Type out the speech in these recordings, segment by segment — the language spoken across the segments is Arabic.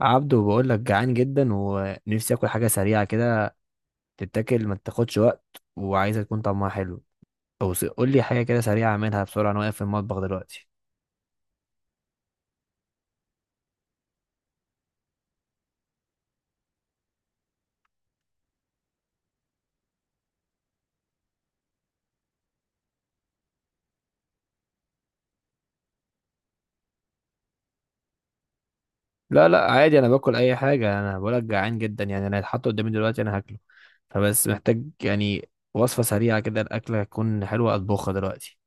عبدو بقول لك جعان جدا ونفسي اكل حاجه سريعه كده، تتاكل ما تاخدش وقت، وعايزه تكون طعمها حلو. او قول لي حاجه كده سريعه اعملها بسرعه، انا واقف في المطبخ دلوقتي. لا لا، عادي، انا باكل اي حاجه، انا بقول لك جعان جدا، يعني انا هيتحط قدامي دلوقتي انا هاكله، فبس محتاج يعني وصفه سريعه كده الاكله تكون حلوه اطبخها دلوقتي.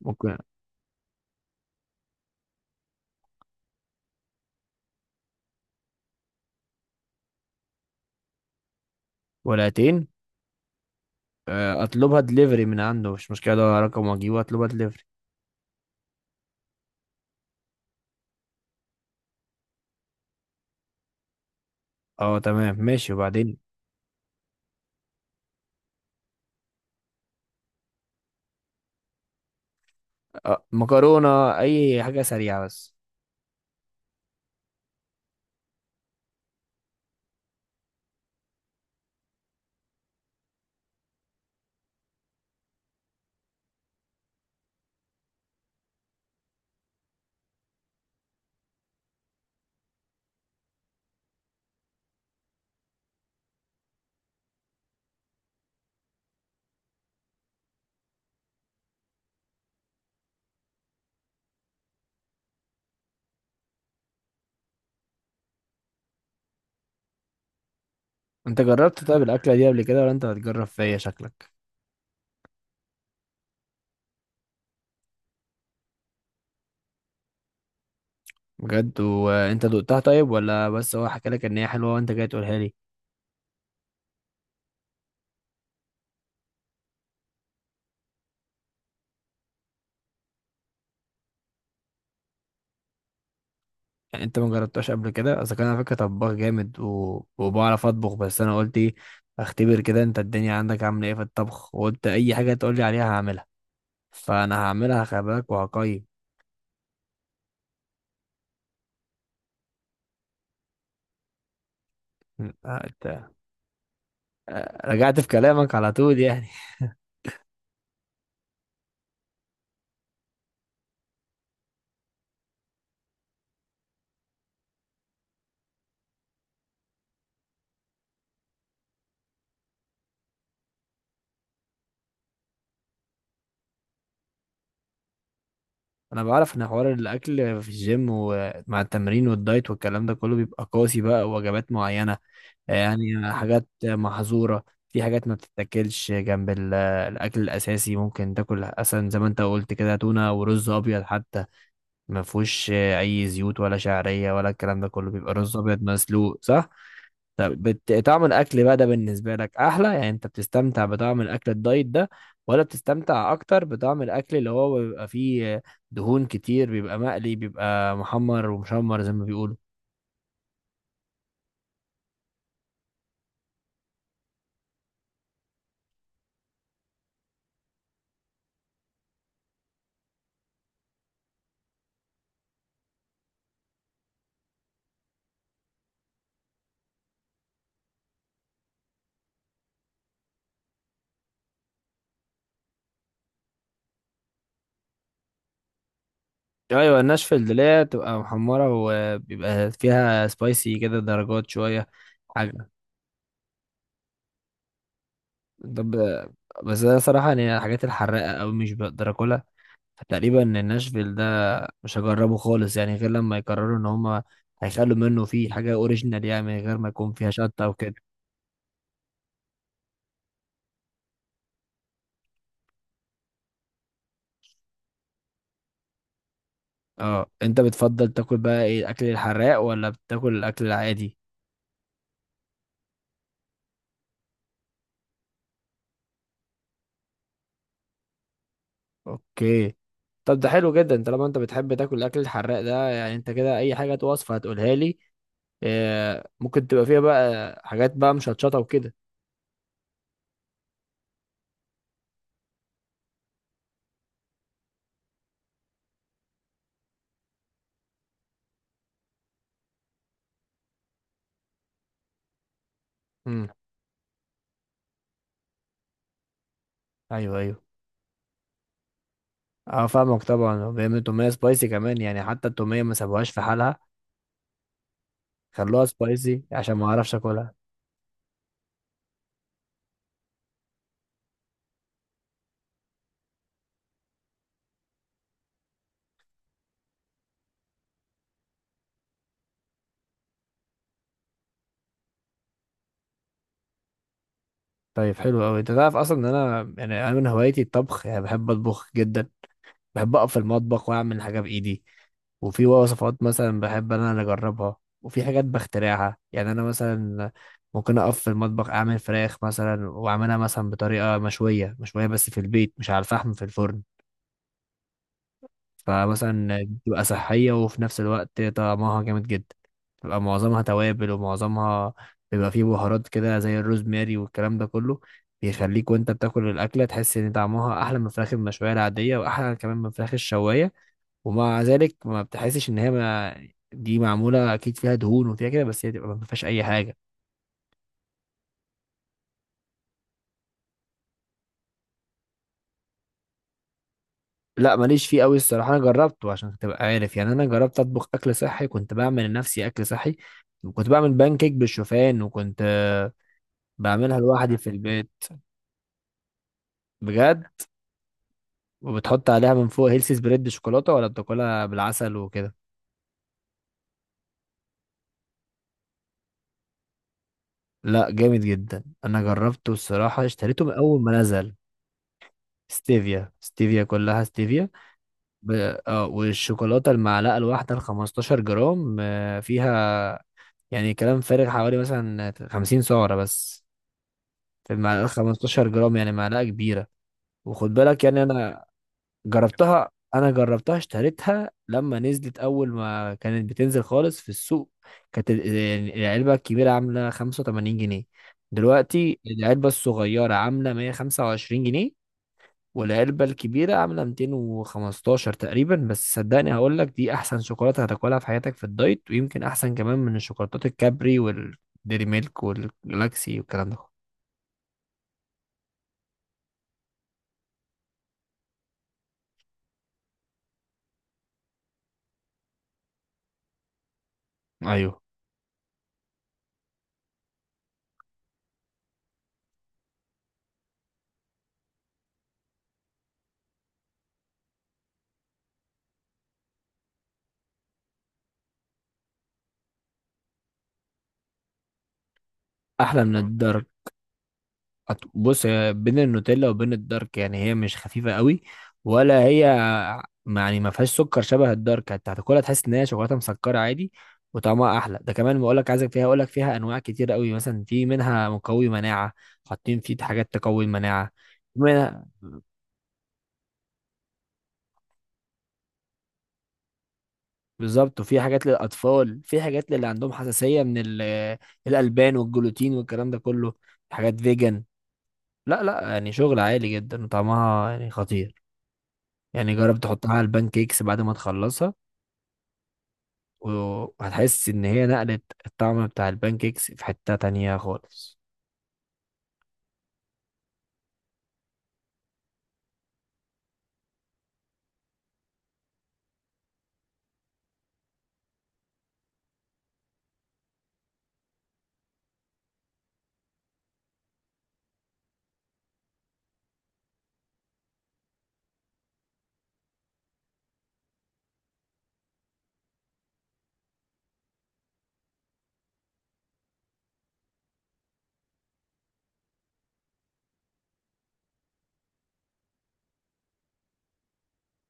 ممكن. ولاتين. اطلبها دليفري من عنده، مش مشكله ده رقم واجيبه اطلبها دليفري. اه تمام ماشي. وبعدين؟ مكرونه، اي حاجه سريعه بس. انت جربت طيب الاكله دي قبل كده ولا انت هتجرب فيا شكلك؟ بجد؟ وانت دقتها طيب ولا بس هو حكى لك ان هي حلوه وانت جاي تقولها لي؟ يعني انت ما جربتهاش قبل كده؟ اصل كان على فكره طباخ جامد وبعرف اطبخ، بس انا قلت ايه، اختبر كده انت الدنيا عندك عامله ايه في الطبخ، وقلت اي حاجه تقول لي عليها هعملها. فانا هعملها، خلي بالك، وهقيم. انت- رجعت في كلامك على طول يعني. انا بعرف ان حوار الاكل في الجيم ومع التمرين والدايت والكلام ده كله بيبقى قاسي، بقى وجبات معينه، يعني حاجات محظوره، في حاجات ما بتتاكلش جنب الاكل الاساسي، ممكن تاكل اصلا زي ما انت قلت كده تونه ورز ابيض حتى. ما فيهوش اي زيوت ولا شعريه ولا الكلام ده كله، بيبقى رز ابيض مسلوق صح؟ طب طعم الاكل بقى ده بالنسبه لك احلى؟ يعني انت بتستمتع بطعم الاكل الدايت ده ولا بتستمتع اكتر بطعم الاكل اللي هو بيبقى فيه دهون كتير، بيبقى مقلي، بيبقى محمر ومشمر زي ما بيقولوا؟ ايوه الناشفل اللي هي بتبقى محمره وبيبقى فيها سبايسي كده درجات شويه. حاجه. طب بس انا صراحه يعني الحاجات الحراقه قوي مش بقدر اكلها، فتقريبا إن ناشفيل ده مش هجربه خالص، يعني غير لما يقرروا ان هما هيخلوا منه فيه حاجة اوريجينال يعني من غير ما يكون فيها شطة وكده. اه انت بتفضل تاكل بقى ايه، الاكل الحراق ولا بتاكل الاكل العادي؟ اوكي. طب ده حلو جدا، انت لما انت بتحب تاكل الاكل الحراق ده، يعني انت كده اي حاجة وصفة هتقولها لي ممكن تبقى فيها بقى حاجات بقى مشطشطة وكده. امم. ايوه ايوه. اه فاهمك طبعا، وبيعملوا تومية سبايسي كمان، يعني حتى التومية ما سابوهاش في حالها، خلوها سبايسي عشان ما اعرفش اكلها. طيب حلو قوي. انت تعرف اصلا ان انا، يعني انا من هوايتي الطبخ، يعني بحب اطبخ جدا، بحب اقف في المطبخ واعمل حاجه بايدي، وفي وصفات مثلا بحب انا اللي اجربها، وفي حاجات بخترعها. يعني انا مثلا ممكن اقف في المطبخ اعمل فراخ مثلا، واعملها مثلا بطريقه مشويه مشويه بس في البيت، مش على الفحم، في الفرن. فمثلا بتبقى صحية، وفي نفس الوقت طعمها جامد جدا، بتبقى معظمها توابل، ومعظمها بيبقى فيه بهارات كده زي الروزماري والكلام ده كله، بيخليك وانت بتاكل الأكلة تحس ان طعمها أحلى من الفراخ المشوية العادية، وأحلى كمان من الفراخ الشواية. ومع ذلك ما بتحسش ان هي ما، دي معمولة أكيد فيها دهون وفيها كده، بس هي تبقى ما فيهاش أي حاجة. لا ماليش فيه قوي الصراحة. أنا جربته عشان تبقى عارف، يعني أنا جربت أطبخ أكل صحي، كنت بعمل لنفسي أكل صحي، وكنت بعمل بان كيك بالشوفان، وكنت بعملها لوحدي في البيت. بجد. وبتحط عليها من فوق هيلثي سبريد شوكولاته ولا بتاكلها بالعسل وكده؟ لا جامد جدا، انا جربته الصراحه اشتريته من اول ما نزل. ستيفيا، ستيفيا، كلها ستيفيا. ب... اه والشوكولاته المعلقه الواحده ال 15 جرام فيها يعني كلام فارغ حوالي مثلا 50 سعره بس، في المعلقه 15 جرام، يعني معلقه كبيره. وخد بالك يعني انا انا جربتها اشتريتها لما نزلت اول ما كانت بتنزل خالص في السوق. كانت يعني العلبه الكبيره عامله 85 جنيه، دلوقتي العلبه الصغيره عامله 125 جنيه، والعلبه الكبيره عامله 215 تقريبا. بس صدقني هقول لك دي احسن شوكولاته هتاكلها في حياتك في الدايت، ويمكن احسن كمان من الشوكولاتات الكابري والديري ميلك والجلاكسي والكلام ده. ايوه، احلى من الدارك. بص هي بين النوتيلا وبين الدارك، يعني هي مش خفيفة قوي ولا هي، يعني ما فيهاش سكر شبه الدارك، انت هتاكلها تحس ان هي شوكولاتة مسكرة عادي، وطعمها احلى. ده كمان بقول لك عايزك فيها، اقول لك فيها انواع كتير قوي، مثلا في منها مقوي مناعة، حاطين فيه حاجات تقوي المناعة. في منها. بالظبط، وفي حاجات للاطفال، في حاجات للي عندهم حساسية من الالبان والجلوتين والكلام ده كله، حاجات فيجن. لا لا يعني شغل عالي جدا، وطعمها يعني خطير. يعني جرب تحطها على البان كيكس بعد ما تخلصها، وهتحس ان هي نقلت الطعم بتاع البان كيكس في حتة تانية خالص.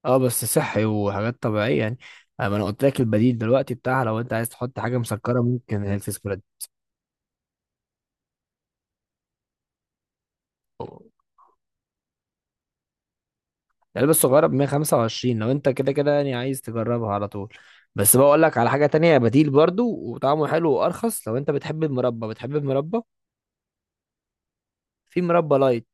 اه بس صحي وحاجات طبيعية يعني، اما انا قلت لك البديل دلوقتي بتاعها، لو انت عايز تحط حاجة مسكرة ممكن هيلث سبريد. العلبة الصغيرة ب 125، لو انت كده كده يعني عايز تجربها على طول. بس بقول لك على حاجة تانية بديل برضو وطعمه حلو وارخص، لو انت بتحب المربى. بتحب المربى؟ في مربى لايت،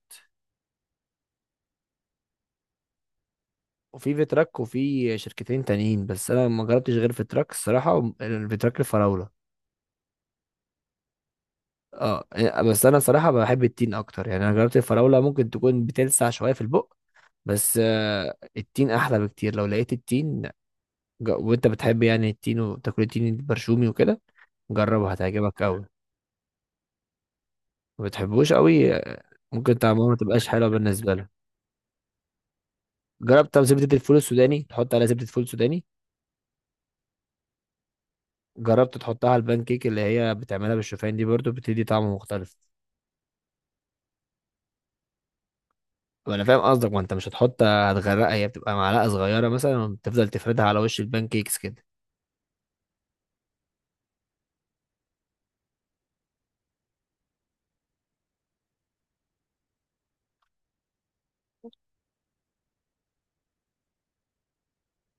وفي فيتراك، وفي شركتين تانيين، بس انا ما جربتش غير فيتراك الصراحه، وم- الفيتراك الفراوله. اه بس انا صراحه بحب التين اكتر. يعني انا جربت الفراوله ممكن تكون بتلسع شويه في البق، بس التين احلى بكتير لو لقيت التين. وانت بتحب يعني التين وتاكل التين البرشومي وكده، جربه هتعجبك قوي. ما بتحبوش قوي ممكن طعمه ما تبقاش حلوه بالنسبه لك. جربت طب زبده الفول السوداني، تحط عليها زبده فول سوداني؟ جربت تحطها على البان كيك اللي هي بتعملها بالشوفان دي برضو، بتدي طعم مختلف. وانا فاهم قصدك، ما انت مش هتحط، هتغرقها، هي بتبقى معلقه صغيره مثلا وبتفضل تفردها على وش البان كيكس كده.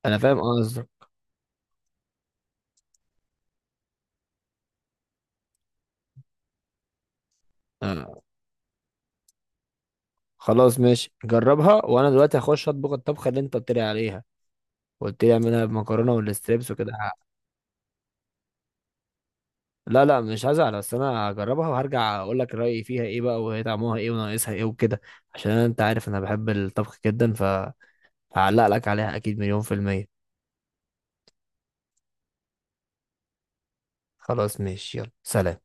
انا فاهم قصدك. آه. خلاص ماشي جربها، وانا دلوقتي هخش اطبخ الطبخه اللي انت قلت لي عليها، قلت لي اعملها بمكرونه والستريبس وكده. لا لا مش هزعل، بس انا هجربها وهرجع اقول لك رايي فيها ايه بقى، وهي طعمها ايه وناقصها ايه وكده، عشان انت عارف انا بحب الطبخ جدا، فهعلق لك عليها اكيد مليون في الميه. خلاص ماشي يلا سلام.